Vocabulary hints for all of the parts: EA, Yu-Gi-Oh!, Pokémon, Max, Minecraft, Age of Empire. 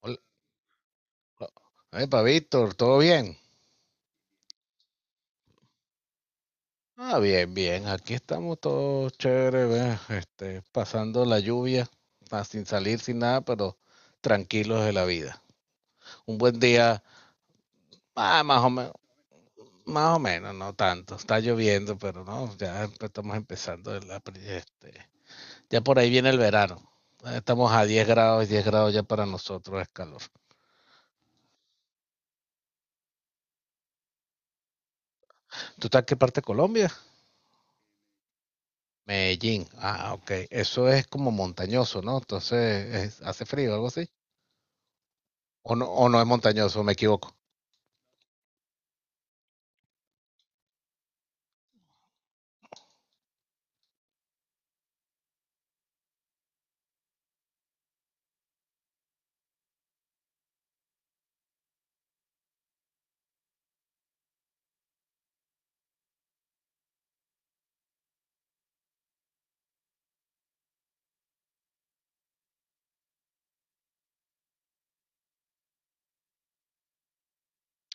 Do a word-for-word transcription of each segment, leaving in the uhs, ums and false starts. Hola. Epa, Víctor, ¿todo bien? Ah, bien, bien. Aquí estamos todos chéveres, ve, Este, pasando la lluvia, ah, sin salir, sin nada, pero tranquilos de la vida. Un buen día, ah, más o menos, más o menos, no tanto. Está lloviendo, pero no, ya empe- estamos empezando el apri- este, ya por ahí viene el verano. Ah, Estamos a diez grados, diez grados ya para nosotros es calor. ¿Tú estás en qué parte de Colombia? Medellín. Ah, ok. Eso es como montañoso, ¿no? Entonces, es- ¿hace frío algo así? ¿O no, o no es montañoso? Me equivoco.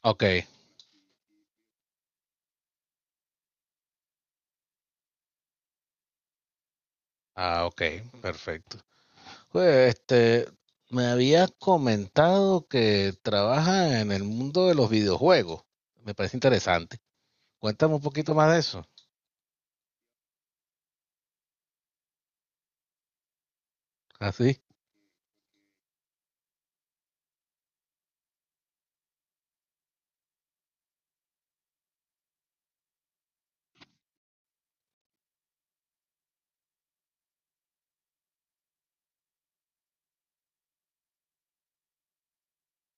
Ok. Ah, ok. Perfecto. Pues, este, me habías comentado que trabajas en el mundo de los videojuegos. Me parece interesante. Cuéntame un poquito más de eso. Así.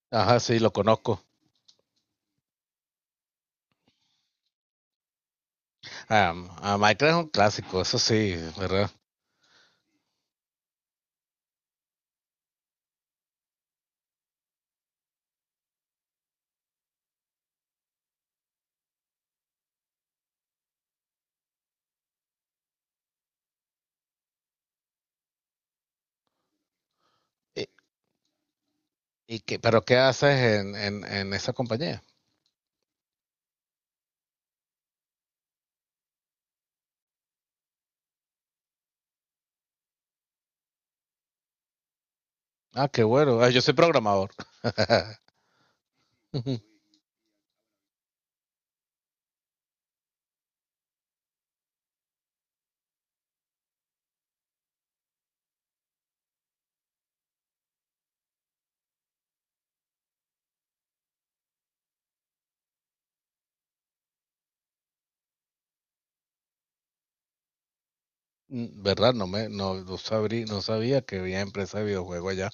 Ajá, sí, lo conozco. Ah, a Minecraft es un clásico, eso sí, ¿verdad? ¿Y, y qué- ¿Pero qué haces en, en, en esa compañía? Ah, qué bueno. Ah, yo soy programador. Ujú. Mm, ¿verdad? No me, no, no sabrí- no sabía que había empresa de videojuegos allá.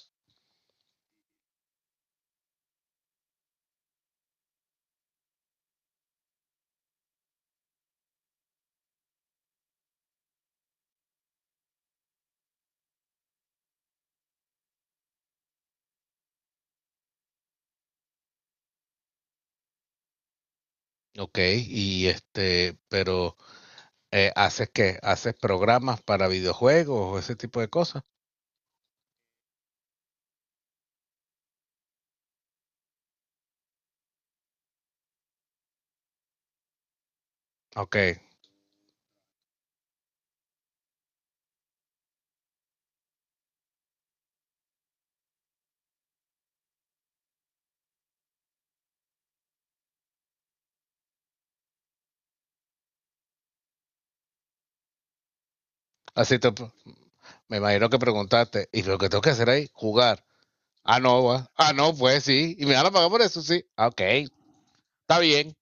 Ok, y este, pero eh, ¿haces qué? ¿Haces programas para videojuegos o ese tipo de cosas? Ok, así te, pre- me imagino que preguntaste, ¿y lo que tengo que hacer ahí? Jugar. Ah, no, va. Ah, no, pues sí, y me van a pagar por eso, sí. Ah, ok, está bien.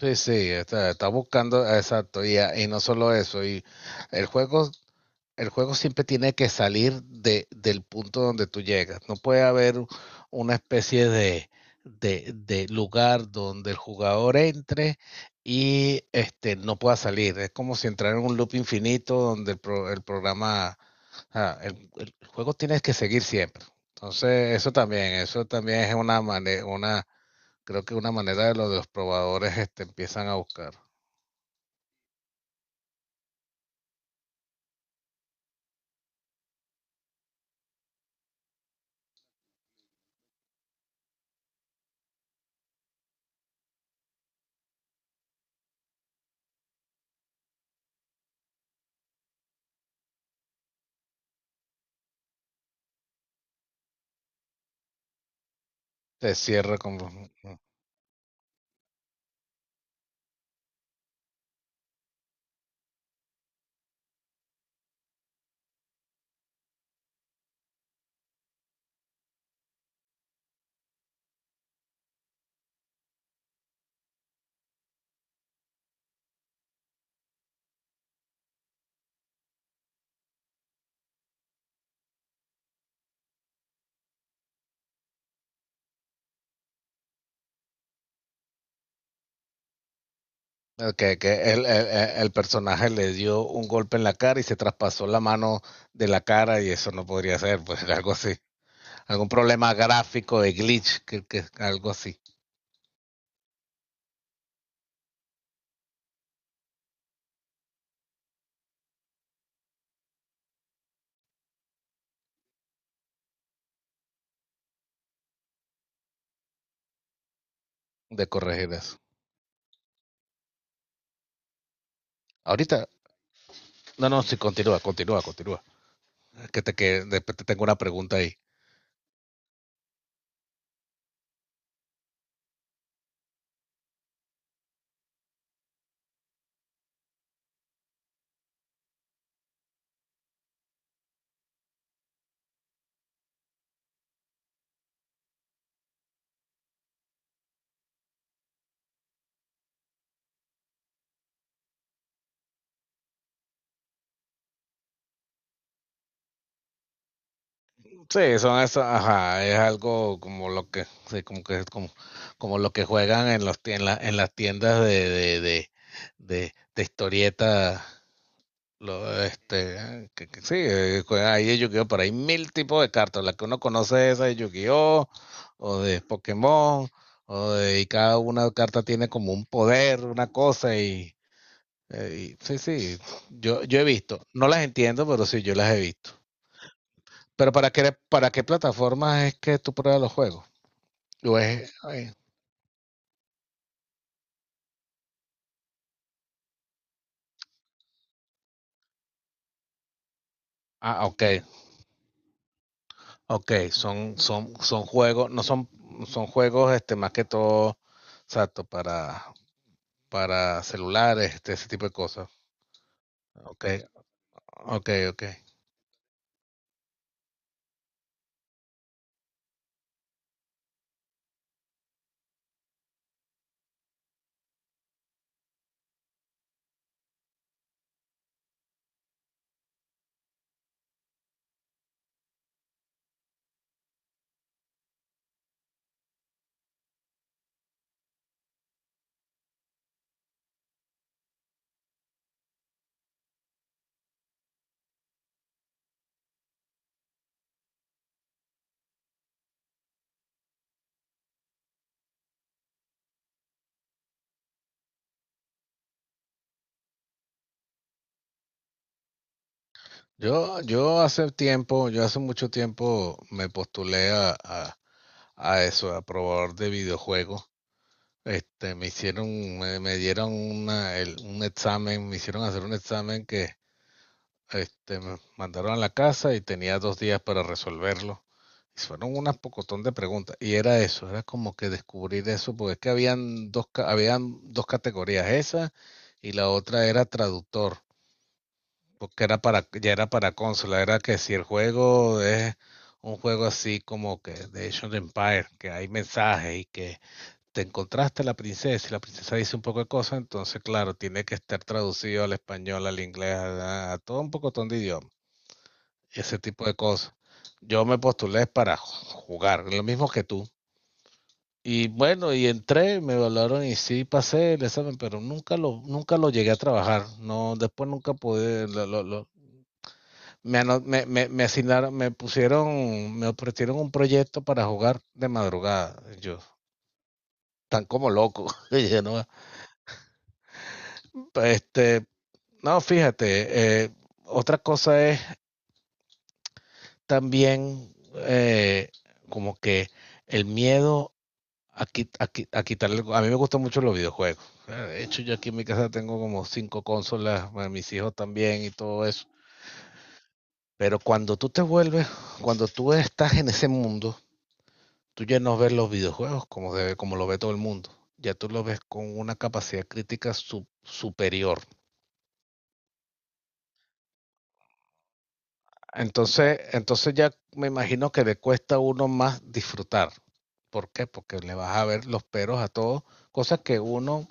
Sí, sí, está, está buscando, exacto, y, a- y no solo eso, y el juego el juego siempre tiene que salir de, del punto donde tú llegas. No puede haber una especie de, de, de lugar donde el jugador entre y este, no pueda salir. Es como si entrara en un loop infinito donde el, pro, el programa, ah, el, el, juego tiene que seguir siempre. Entonces, eso también, eso también es una manera, una, creo que una manera de lo de los probadores este, empiezan a buscar. Se cierra como... Okay, que el, el- el- el personaje le dio un golpe en la cara y se traspasó la mano de la cara y eso no podría ser, pues algo así. Algún problema gráfico de glitch, que, que algo así, de corregir eso. Ahorita, no, no, sí, continúa, continúa, continúa. Que te que después te tengo una pregunta ahí. Sí, son eso, ajá, es algo como lo que, sí, como que es como, como lo que juegan en los tien- en la- en las tiendas de, de, de, de, de historieta. Lo, este, que, que Sí, eh, juegan ahí de Yu-Gi-Oh! Pero hay mil tipos de cartas. La que uno conoce es esa de Yu-Gi-Oh! O de Pokémon, o de, y cada una carta tiene como un poder, una cosa. Y, eh, y- sí, sí, yo, yo he visto. No las entiendo, pero sí, yo las he visto. Pero ¿para qué, ¿Para qué plataformas es que tú pruebas los juegos? ¿O es- ay, ah, ok, ok, son, son, son juegos, no son, son juegos este, más que todo, exacto, para, para celulares, este, ese tipo de cosas. Ok, ok, ok. Yo, yo hace tiempo, yo hace mucho tiempo me postulé a, a, a eso, a probador de videojuegos. Este, me hicieron, me, me dieron una, el- un examen, me hicieron hacer un examen que este, me mandaron a la casa y tenía dos días para resolverlo. Y fueron unas pocotón de preguntas. Y era eso, era como que descubrir eso, porque es que habían dos, ca- habían dos categorías, esa y la otra era traductor, porque era para, ya era para consola, era que si el juego es un juego así como que de Age of Empire, que hay mensajes y que te encontraste a la princesa y la princesa dice un poco de cosas, entonces claro, tiene que estar traducido al español, al inglés, a, a todo un pocotón de idiomas, ese tipo de cosas. Yo me postulé para jugar, lo mismo que tú. Y bueno, y entré, me evaluaron y sí pasé el examen, pero nunca lo, nunca lo llegué a trabajar. No, después nunca pude, lo- lo- lo- me, ano- me, me, me asignaron, me pusieron, me ofrecieron un proyecto para jugar de madrugada. Yo, tan como loco. Y yo, no, este, no, fíjate, eh, otra cosa es también eh, como que el miedo aquí, aquí, a quitarle. A mí me gustan mucho los videojuegos. De hecho, yo aquí en mi casa tengo como cinco consolas, bueno, mis hijos también y todo eso. Pero cuando tú te vuelves, Cuando tú estás en ese mundo, tú ya no ves los videojuegos como, debe, como lo ve todo el mundo. Ya tú lo ves con una capacidad crítica su- superior. Entonces, entonces ya me imagino que le cuesta a uno más disfrutar. ¿Por qué? Porque le vas a ver los peros a todo, cosas que uno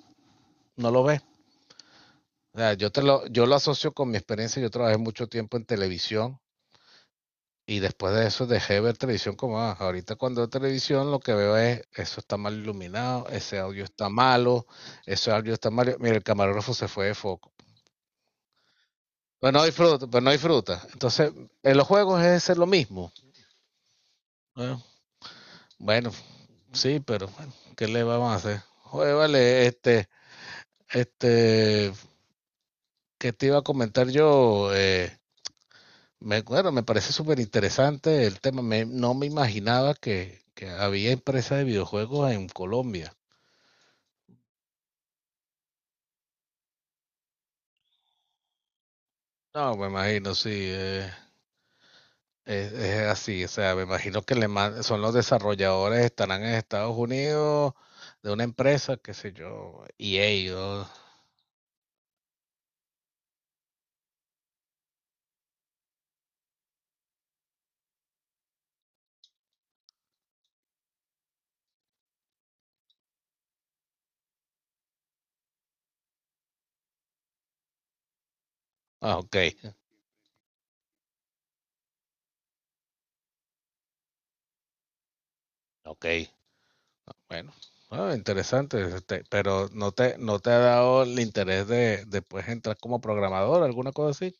no lo ve. O sea, yo, te lo, yo lo asocio con mi experiencia. Yo trabajé mucho tiempo en televisión y después de eso dejé ver televisión. Como ah, ahorita cuando veo televisión lo que veo es eso está mal iluminado, ese audio está malo, ese audio está malo. Mira, el camarógrafo se fue de foco. Pues no disfruta, pues no disfruta. Entonces, en los juegos es ser lo mismo. ¿No? Bueno, sí, pero bueno, ¿qué le vamos a hacer? Oye, vale, este, este, ¿qué te iba a comentar yo? Eh, Me, bueno, me parece súper interesante el tema. Me- no me imaginaba que, que había empresas de videojuegos en Colombia. No, me imagino, sí, eh, es, es así. O sea, me imagino que le man- son los desarrolladores, estarán en Estados Unidos, de una empresa, qué sé yo, E A. O- ah, ok, ok. Bueno, ah, interesante. Este, pero no te, no te ha dado el interés de después entrar como programador, alguna cosa así.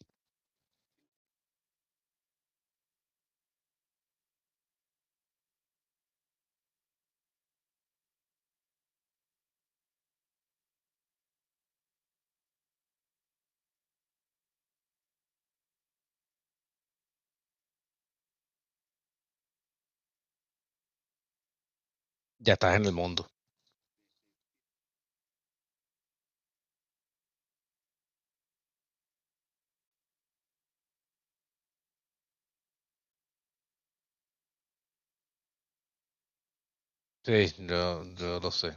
Ya estás en el mundo. Sí, yo, yo lo sé.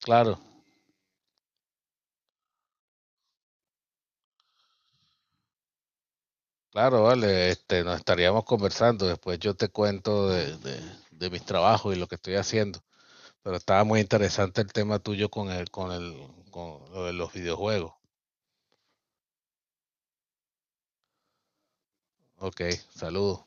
Claro, claro, vale, este, nos estaríamos conversando, después yo te cuento de, de, de mis trabajos y lo que estoy haciendo, pero estaba muy interesante el tema tuyo con el, con el, con lo de los videojuegos. Ok, saludos.